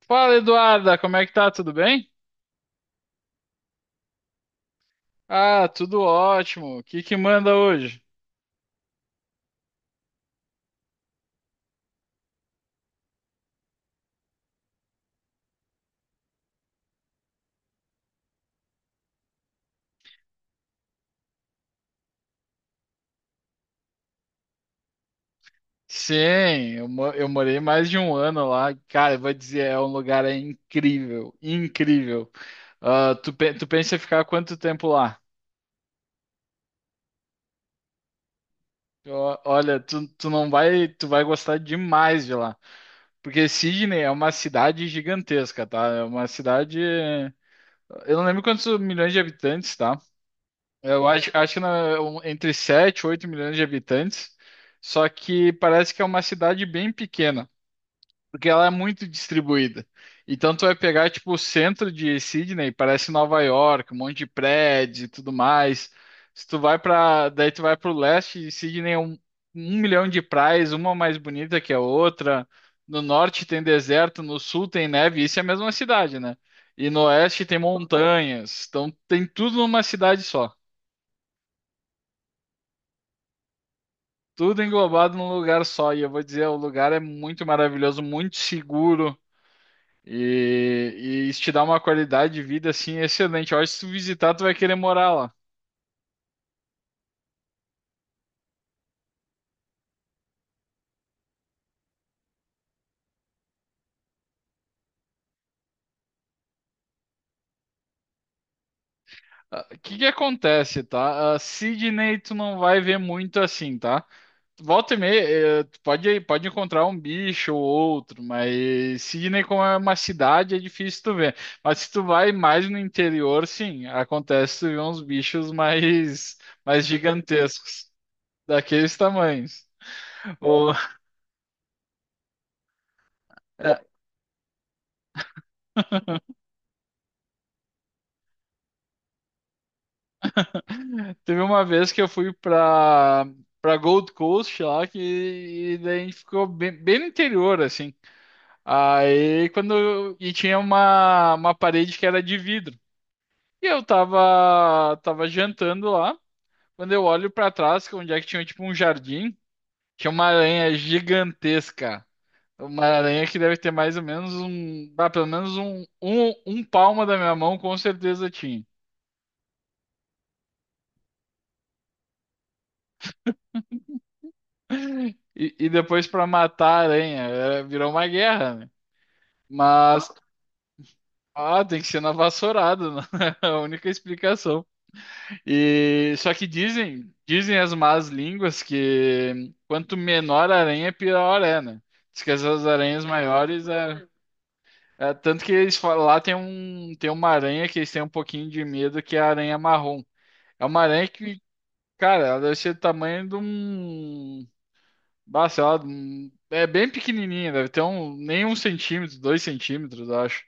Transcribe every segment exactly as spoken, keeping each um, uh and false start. Fala, Eduarda, como é que tá? Tudo bem? Ah, tudo ótimo. O que que manda hoje? Sim, eu, mo- eu morei mais de um ano lá. Cara, eu vou dizer, é um lugar é incrível, incrível. Ah, tu, pe- tu pensa em ficar quanto tempo lá? Ó, Olha, tu, tu não vai, tu vai gostar demais de lá. Porque Sydney é uma cidade gigantesca, tá? É uma cidade. eh, Eu não lembro quantos milhões de habitantes, tá? Eu acho, acho que na- um- entre sete e oito milhões de habitantes, só que parece que é uma cidade bem pequena, porque ela é muito distribuída. Então tu vai pegar tipo o centro de Sydney, parece Nova York, um monte de prédios e tudo mais. Se tu vai para, daí tu vai para o leste, e Sydney é um, um milhão de praias, uma mais bonita que a outra. No norte tem deserto, no sul tem neve, isso é a mesma cidade, né? E no oeste tem montanhas, então tem tudo numa cidade só. Tudo englobado num lugar só. E, eu vou dizer, o lugar é muito maravilhoso, muito seguro. E, e isso te dá uma qualidade de vida assim excelente. Eu acho que se tu visitar, tu vai querer morar lá. Ah, o que que acontece, tá? Ah, Sydney tu não vai ver muito assim, tá? Volta e meia, eh, tu pode, pode, encontrar um bicho ou outro, mas Sydney como é uma cidade é difícil tu ver. Mas se tu vai mais no interior, sim, acontece tu ver uns bichos mais, mais, gigantescos. Daqueles tamanhos. O- é, Teve uma vez que eu fui pra, pra Gold Coast lá, que e daí a gente ficou bem, bem no interior, assim. Aí quando. eu- E tinha uma, uma, parede que era de vidro. E eu tava, tava jantando lá. Quando eu olho pra trás, que é onde é que tinha tipo um jardim, tinha uma aranha gigantesca. Uma aranha que deve ter mais ou menos um. Ah, pelo menos um, um, um palmo da minha mão, com certeza tinha. E, e depois pra matar a aranha, é, virou uma guerra, né? Mas, ah, tem que ser na vassourada, né? É a única explicação. E só que dizem, dizem as más línguas que quanto menor a aranha, pior é, né? Diz que essas aranhas maiores é, é tanto que eles falam, lá tem um tem uma aranha que eles têm um pouquinho de medo que é a aranha marrom. É uma aranha que, cara, ela deve ser do tamanho de um. Nossa, ela hum, é bem pequenininha, deve ter um, nem um centímetro, dois centímetros, acho.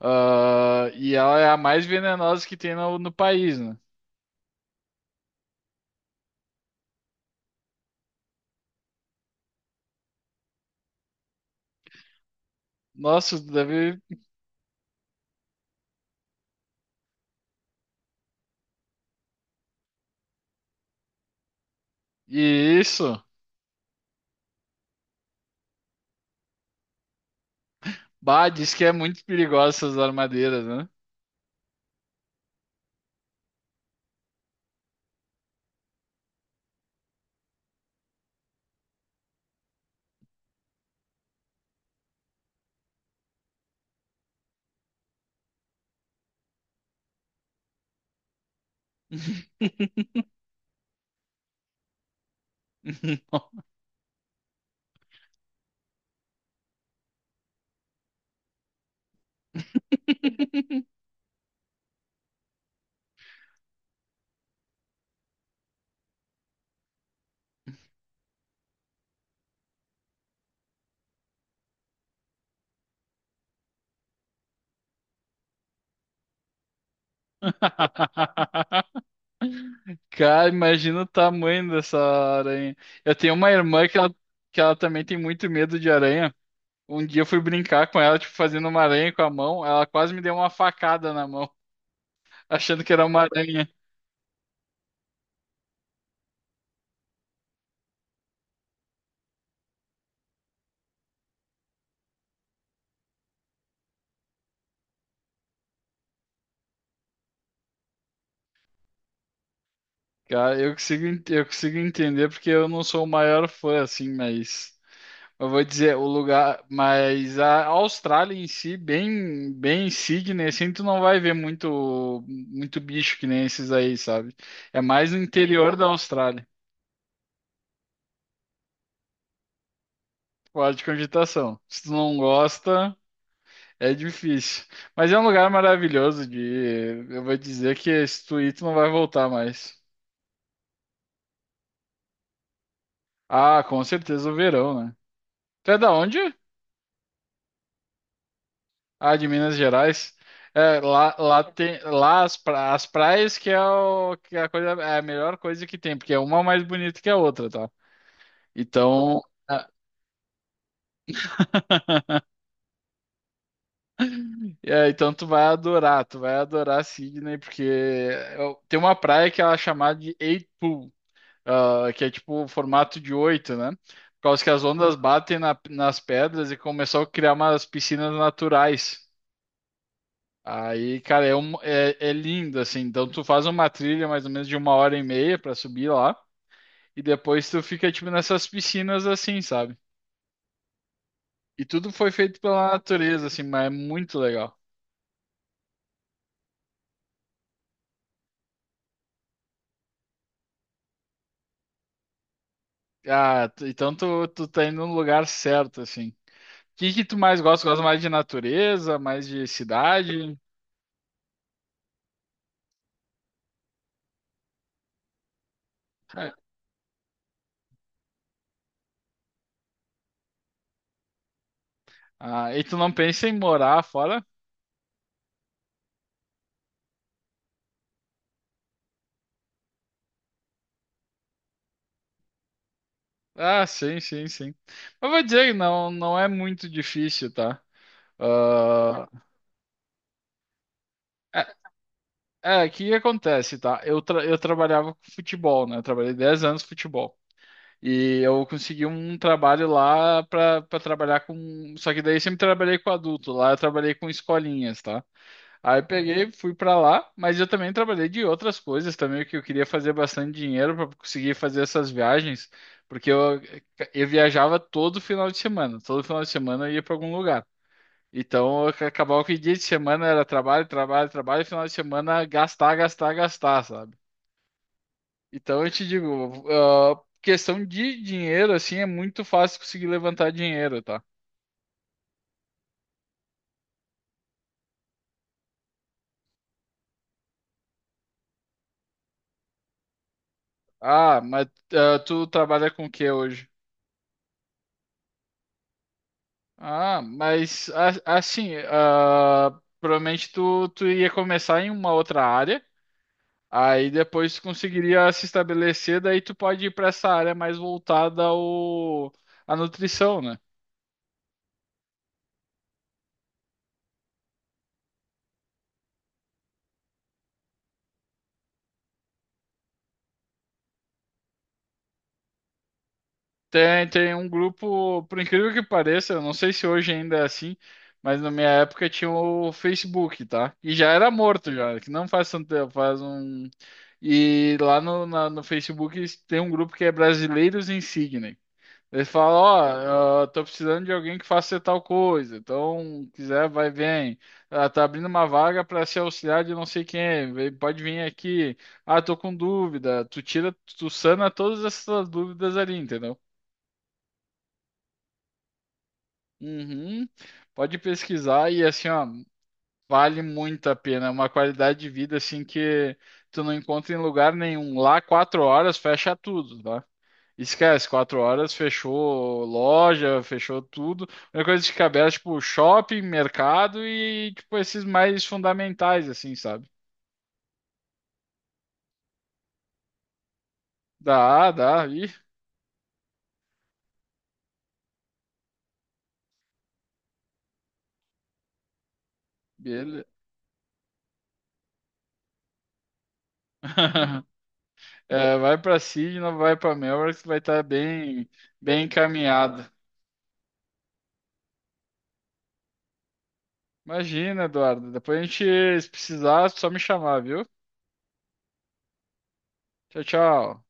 Ah, e ela é a mais venenosa que tem no, no país, né? Nossa, deve. E isso. Bah, diz que é muito perigosa essas armadeiras, né? Cara, imagina o tamanho dessa aranha. Eu tenho uma irmã que ela, que ela também tem muito medo de aranha. Um dia eu fui brincar com ela, tipo, fazendo uma aranha com a mão. Ela quase me deu uma facada na mão, achando que era uma aranha. Cara, eu consigo, en- eu consigo entender porque eu não sou o maior fã, assim, mas eu vou dizer, o lugar, mas a Austrália em si, bem, bem Sydney, assim, tu não vai ver muito, muito bicho que nem esses aí, sabe? É mais no interior da Austrália, fora de cogitação. Se tu não gosta, é difícil. Mas é um lugar maravilhoso de ir. Eu vou dizer que se tu ir, tu não vai voltar mais. Ah, com certeza o verão, né? Tu é da onde? Ah, de Minas Gerais. É, lá, lá tem lá as, pra- as praias que é, o, que é a coisa, é a melhor coisa que tem, porque é uma mais bonita que a outra, tá? Então, ah, é, então tu vai adorar, tu vai adorar Sydney, porque eu- tem uma praia que ela é chamada de Eight Pool, ah, que é tipo o formato de oito, né? Por causa que as ondas batem na- nas pedras e começou a criar umas piscinas naturais. Aí, cara, é, um- é, é lindo, assim. Então, tu faz uma trilha mais ou menos de uma hora e meia pra subir lá. E depois tu fica, tipo, nessas piscinas, assim, sabe? E tudo foi feito pela natureza, assim, mas é muito legal. Ah, tu- então tu, tu tá indo no lugar certo, assim. O que que tu mais gosta? Gosta mais de natureza, mais de cidade? Ah, e tu não pensa em morar fora? Ah, sim, sim, sim. Mas vou dizer que não, não é muito difícil, tá? Ah, É, o que que acontece, tá? Eu, tra- eu trabalhava com futebol, né? Eu trabalhei dez anos com futebol. E eu consegui um trabalho lá pra pra trabalhar com. Só que daí eu sempre trabalhei com adulto. Lá eu trabalhei com escolinhas, tá? Aí eu peguei, fui pra lá, mas eu também trabalhei de outras coisas também, que eu queria fazer bastante dinheiro pra conseguir fazer essas viagens, porque eu, eu viajava todo final de semana. Todo final de semana eu ia pra algum lugar. Então, ac- acabava que dia de semana era trabalho, trabalho, trabalho, e final de semana gastar, gastar, gastar, sabe? Então, eu te digo, ah, questão de dinheiro, assim, é muito fácil conseguir levantar dinheiro, tá? Ah, mas ah, tu trabalha com o que hoje? Ah, mas a- assim, ah, provavelmente tu, tu ia começar em uma outra área, aí depois tu conseguiria se estabelecer, daí tu pode ir para essa área mais voltada ao, à nutrição, né? Tem, tem um grupo, por incrível que pareça, eu não sei se hoje ainda é assim, mas na minha época tinha o Facebook, tá? E já era morto já, que não faz tanto tempo, faz um... E lá no, na- no Facebook tem um grupo que é Brasileiros Insigne. Eles falam, ó, eu tô precisando de alguém que faça tal coisa, então quiser, vai, vem. Ah, tá abrindo uma vaga para ser auxiliar de não sei quem, vem- pode vir aqui. Ah, tô com dúvida. Tu tira, tu sana todas essas dúvidas ali, entendeu? Uhum. Pode pesquisar e assim, ó, vale muito a pena. É uma qualidade de vida assim que tu não encontra em lugar nenhum. Lá, quatro horas fecha tudo, tá? Esquece, quatro horas fechou loja, fechou tudo. A única coisa que fica aberta, é, tipo, shopping, mercado e tipo esses mais fundamentais, assim, sabe? Dá, dá, ih, beleza. É, vai pra Sydney, vai pra Melbourne, que tu vai estar bem, bem encaminhado. Imagina, Eduardo. Depois a gente, se precisar, é só me chamar, viu? Tchau, tchau.